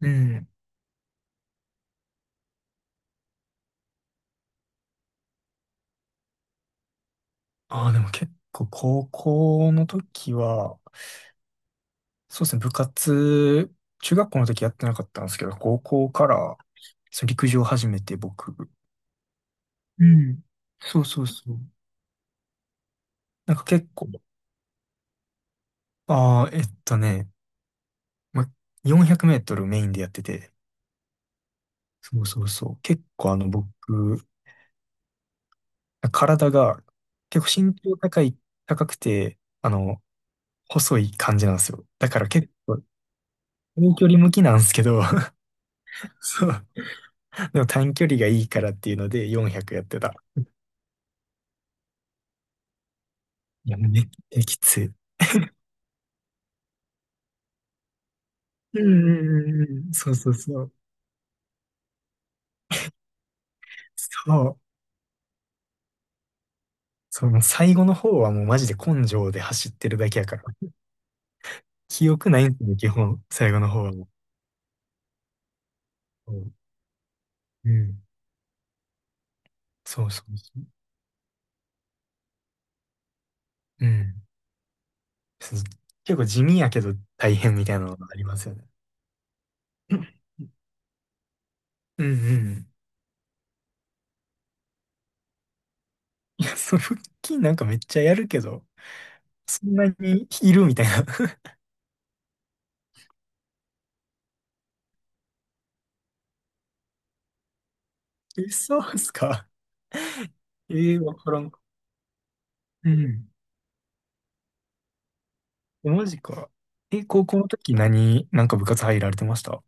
うん。ああ、でも結構高校の時は、そうですね、部活、中学校の時やってなかったんですけど、高校からそう陸上を始めて僕、うん。そうそうそう。なんか結構、ああ、ま、400メートルメインでやってて、そうそうそう、結構僕、体が結構身長高い、高くて、細い感じなんですよ。だから結構遠距離向きなんですけど、そう。でも短距離がいいからっていうので400やってた。いや、めっちゃきつい。うんうんうんうん。そうそうそう。そう。その最後の方はもうマジで根性で走ってるだけやから。記憶ないんですよね、基本。最後の方はもう。うん。そうそうそう。うん。そう、結構地味やけど大変みたいなのがありますよね。うんうん。いや、その腹筋なんかめっちゃやるけど、そんなにいるみたいな。え、そうっすか？わからん。うん。マジか。え、高校の時なんか部活入られてました？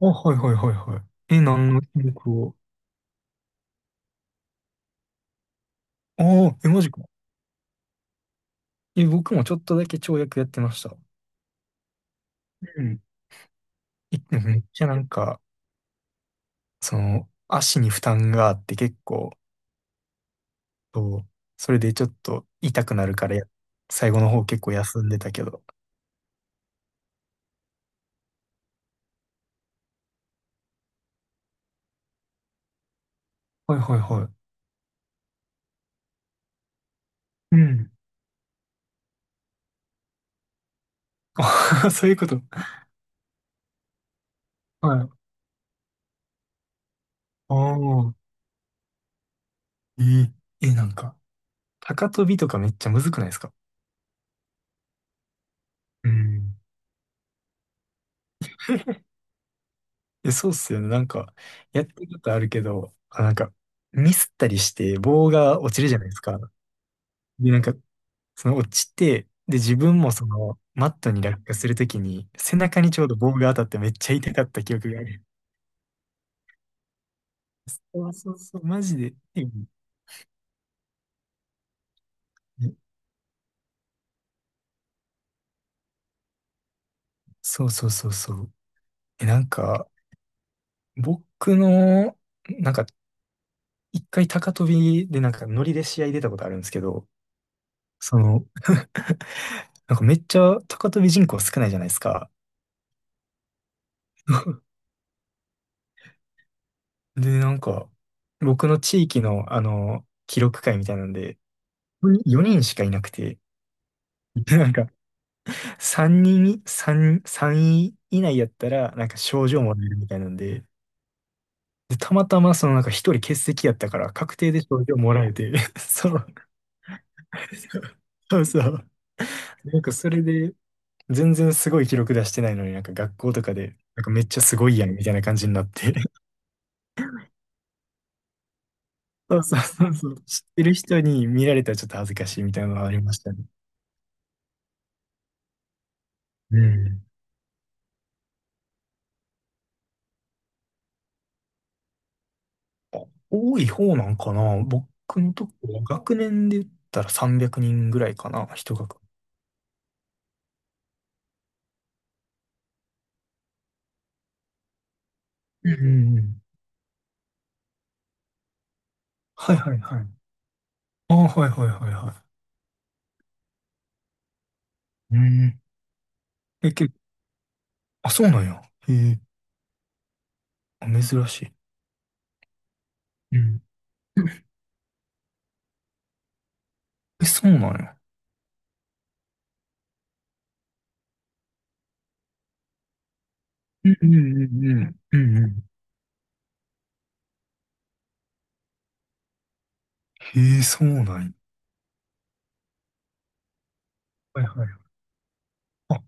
あ、はいはいはいはい。え、何の種目を？ああ、え、マジか。え、僕もちょっとだけ跳躍やってました。うん。え、でもめっちゃなんか、足に負担があって結構、そう、それでちょっと痛くなるからや、最後の方結構休んでたけど。はいはいはい。うん。あ そういうこと。はい。ああ、えーえ、なんか、高跳びとかめっちゃむずくないですか？うん。え、そうっすよね。なんか、やってることあるけど、あ、なんか、ミスったりして、棒が落ちるじゃないですか。で、なんか、その落ちて、で、自分もその、マットに落下するときに、背中にちょうど棒が当たってめっちゃ痛かった記憶がある。そうそうそう、マジで。うん、そうそうそうそう。え、なんか、僕の、なんか、一回高跳びで、なんか、ノリで試合出たことあるんですけど、その、なんかめっちゃ高跳び人口少ないじゃないですか。で、なんか、僕の地域の、記録会みたいなんで、4人しかいなくて、でなんか、3人、3、3位以内やったら、なんか賞状もらえるみたいなんで、で、たまたまそのなんか1人欠席やったから、確定で賞状もらえて、そう、そうそう。なんかそれで、全然すごい記録出してないのになんか学校とかで、なんかめっちゃすごいやんみたいな感じになって、そうそうそうそう、知ってる人に見られたらちょっと恥ずかしいみたいなのはありましたね。うん。あ、多い方なんかな。僕のとこは学年で言ったら300人ぐらいかな。うんうんうん。はいはいはい。ああ、はいはいはいはい。うん。え、あ、そうなんや。へえ。あ、珍しい。うん。え、そうなんや。うんうんうんうん。うんうん。へえ、そうなんや。はいはい。あ、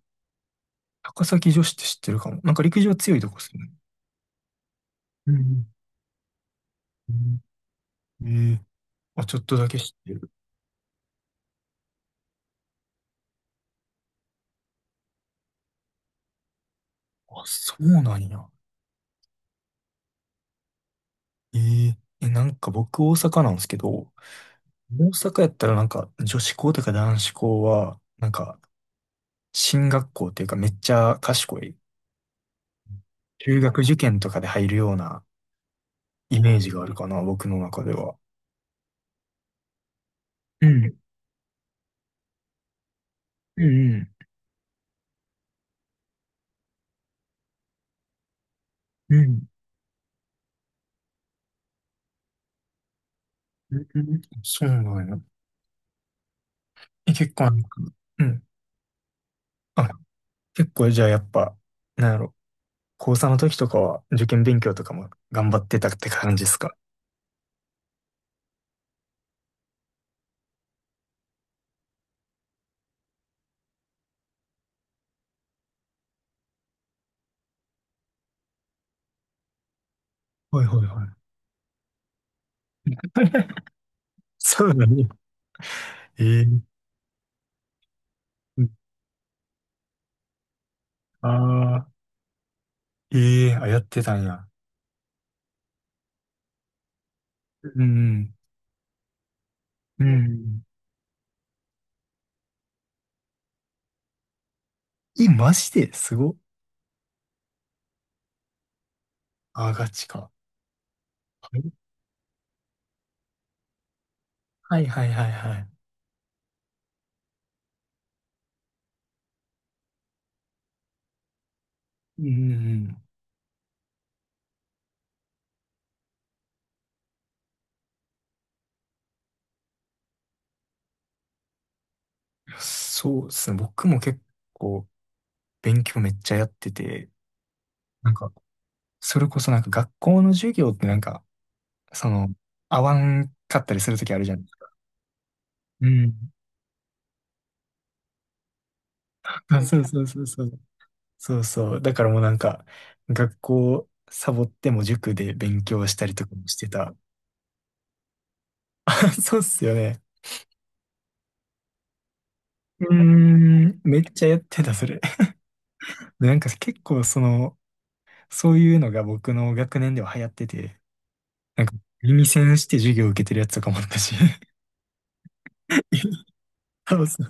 高崎女子って知ってるかも。なんか陸上強いとこっすよね。うんうんうん。ええ。あ、ちょっとだけ知ってる。あ、そうなんや。えーえ、なんか僕大阪なんですけど、大阪やったらなんか女子校とか男子校は、なんか進学校っていうかめっちゃ賢い、中学受験とかで入るようなイメージがあるかな、僕の中では。うん、うん、うん、うん、うん。そうなんや。え、結構なんか、うん。あ、結構じゃあやっぱ、なんやろ、高三の時とかは受験勉強とかも頑張ってたって感じですか？はいはいはい。そうだね。えー、あ、ええ、あ、やってたんや。うん。うん。え、マジですごっ。あ、ガチか。はいはいはいはいはい。うん。そうですね。僕も結構勉強めっちゃやってて、なんか、それこそなんか学校の授業ってなんか、その、合わんかったりするときあるじゃないですか。うん。あ、そうそうそうそう。そうそう。だからもうなんか、学校サボっても塾で勉強したりとかもしてた。そうっすよね。うーん、めっちゃやってた、それ。で、なんか結構そういうのが僕の学年では流行ってて、なんか耳栓して授業受けてるやつとかもあったし。そうそ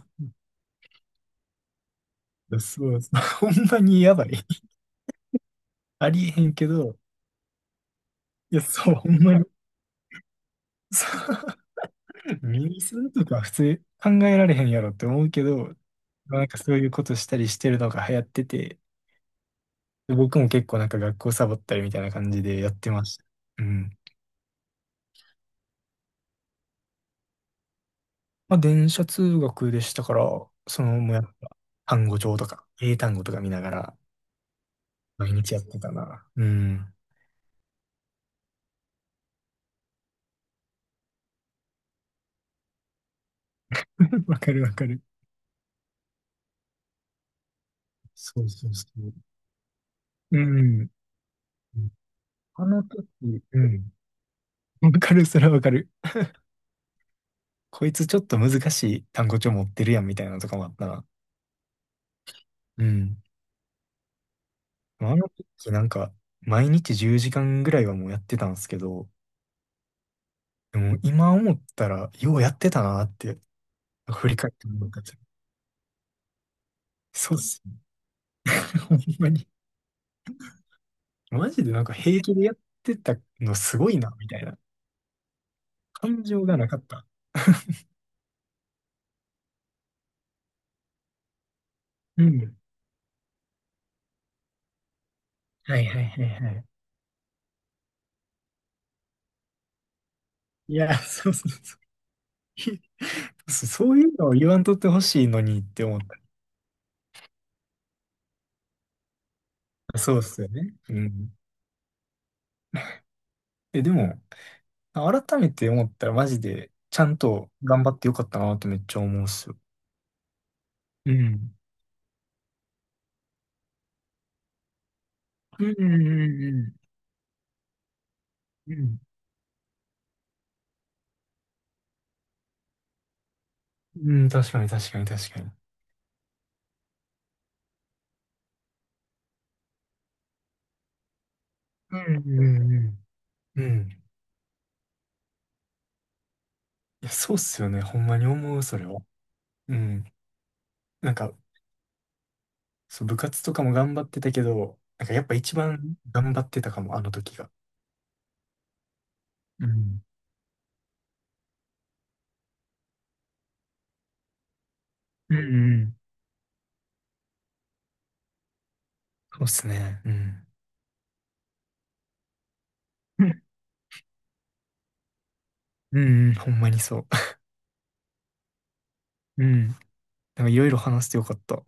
う。そうそう。ほんまにやばい。ありえへんけど、いや、そう、ほんまに。そう。耳栓とか普通考えられへんやろって思うけど、なんかそういうことしたりしてるのが流行ってて、で僕も結構なんか学校サボったりみたいな感じでやってました。うん。まあ、電車通学でしたから、もうやっぱ、単語帳とか、英単語とか見ながら、毎日やってたな。うん。わかるわかる。そうそうそう。うん。あの時、うん。わかる、それはわかる。こいつちょっと難しい単語帳持ってるやんみたいなのとかもあったな。うん。あの時なんか、毎日10時間ぐらいはもうやってたんですけど、でも今思ったら、ようやってたなって、振り返ってもらった。そうっすね。ほんまに。マジでなんか平気でやってたのすごいな、みたいな。感情がなかった。うん。はいはいはいはい。いや、そうそうそう。そうそういうのを言わんとってほしいのにって思った。そうっすよね。うん。え、でも、改めて思ったらマジで、ちゃんと頑張ってよかったなってめっちゃ思うっすよ。うん。うんうんうんうん。うん、うん、確かに確かに確かに。うんうんうん。うん。いや、そうっすよね。ほんまに思う、それは。うん。なんか、そう、部活とかも頑張ってたけど、なんかやっぱ一番頑張ってたかも、あの時が。うん。うんうん。そうっすね。うん。うんうん。ほんまにそう。うん。なんかいろいろ話してよかった。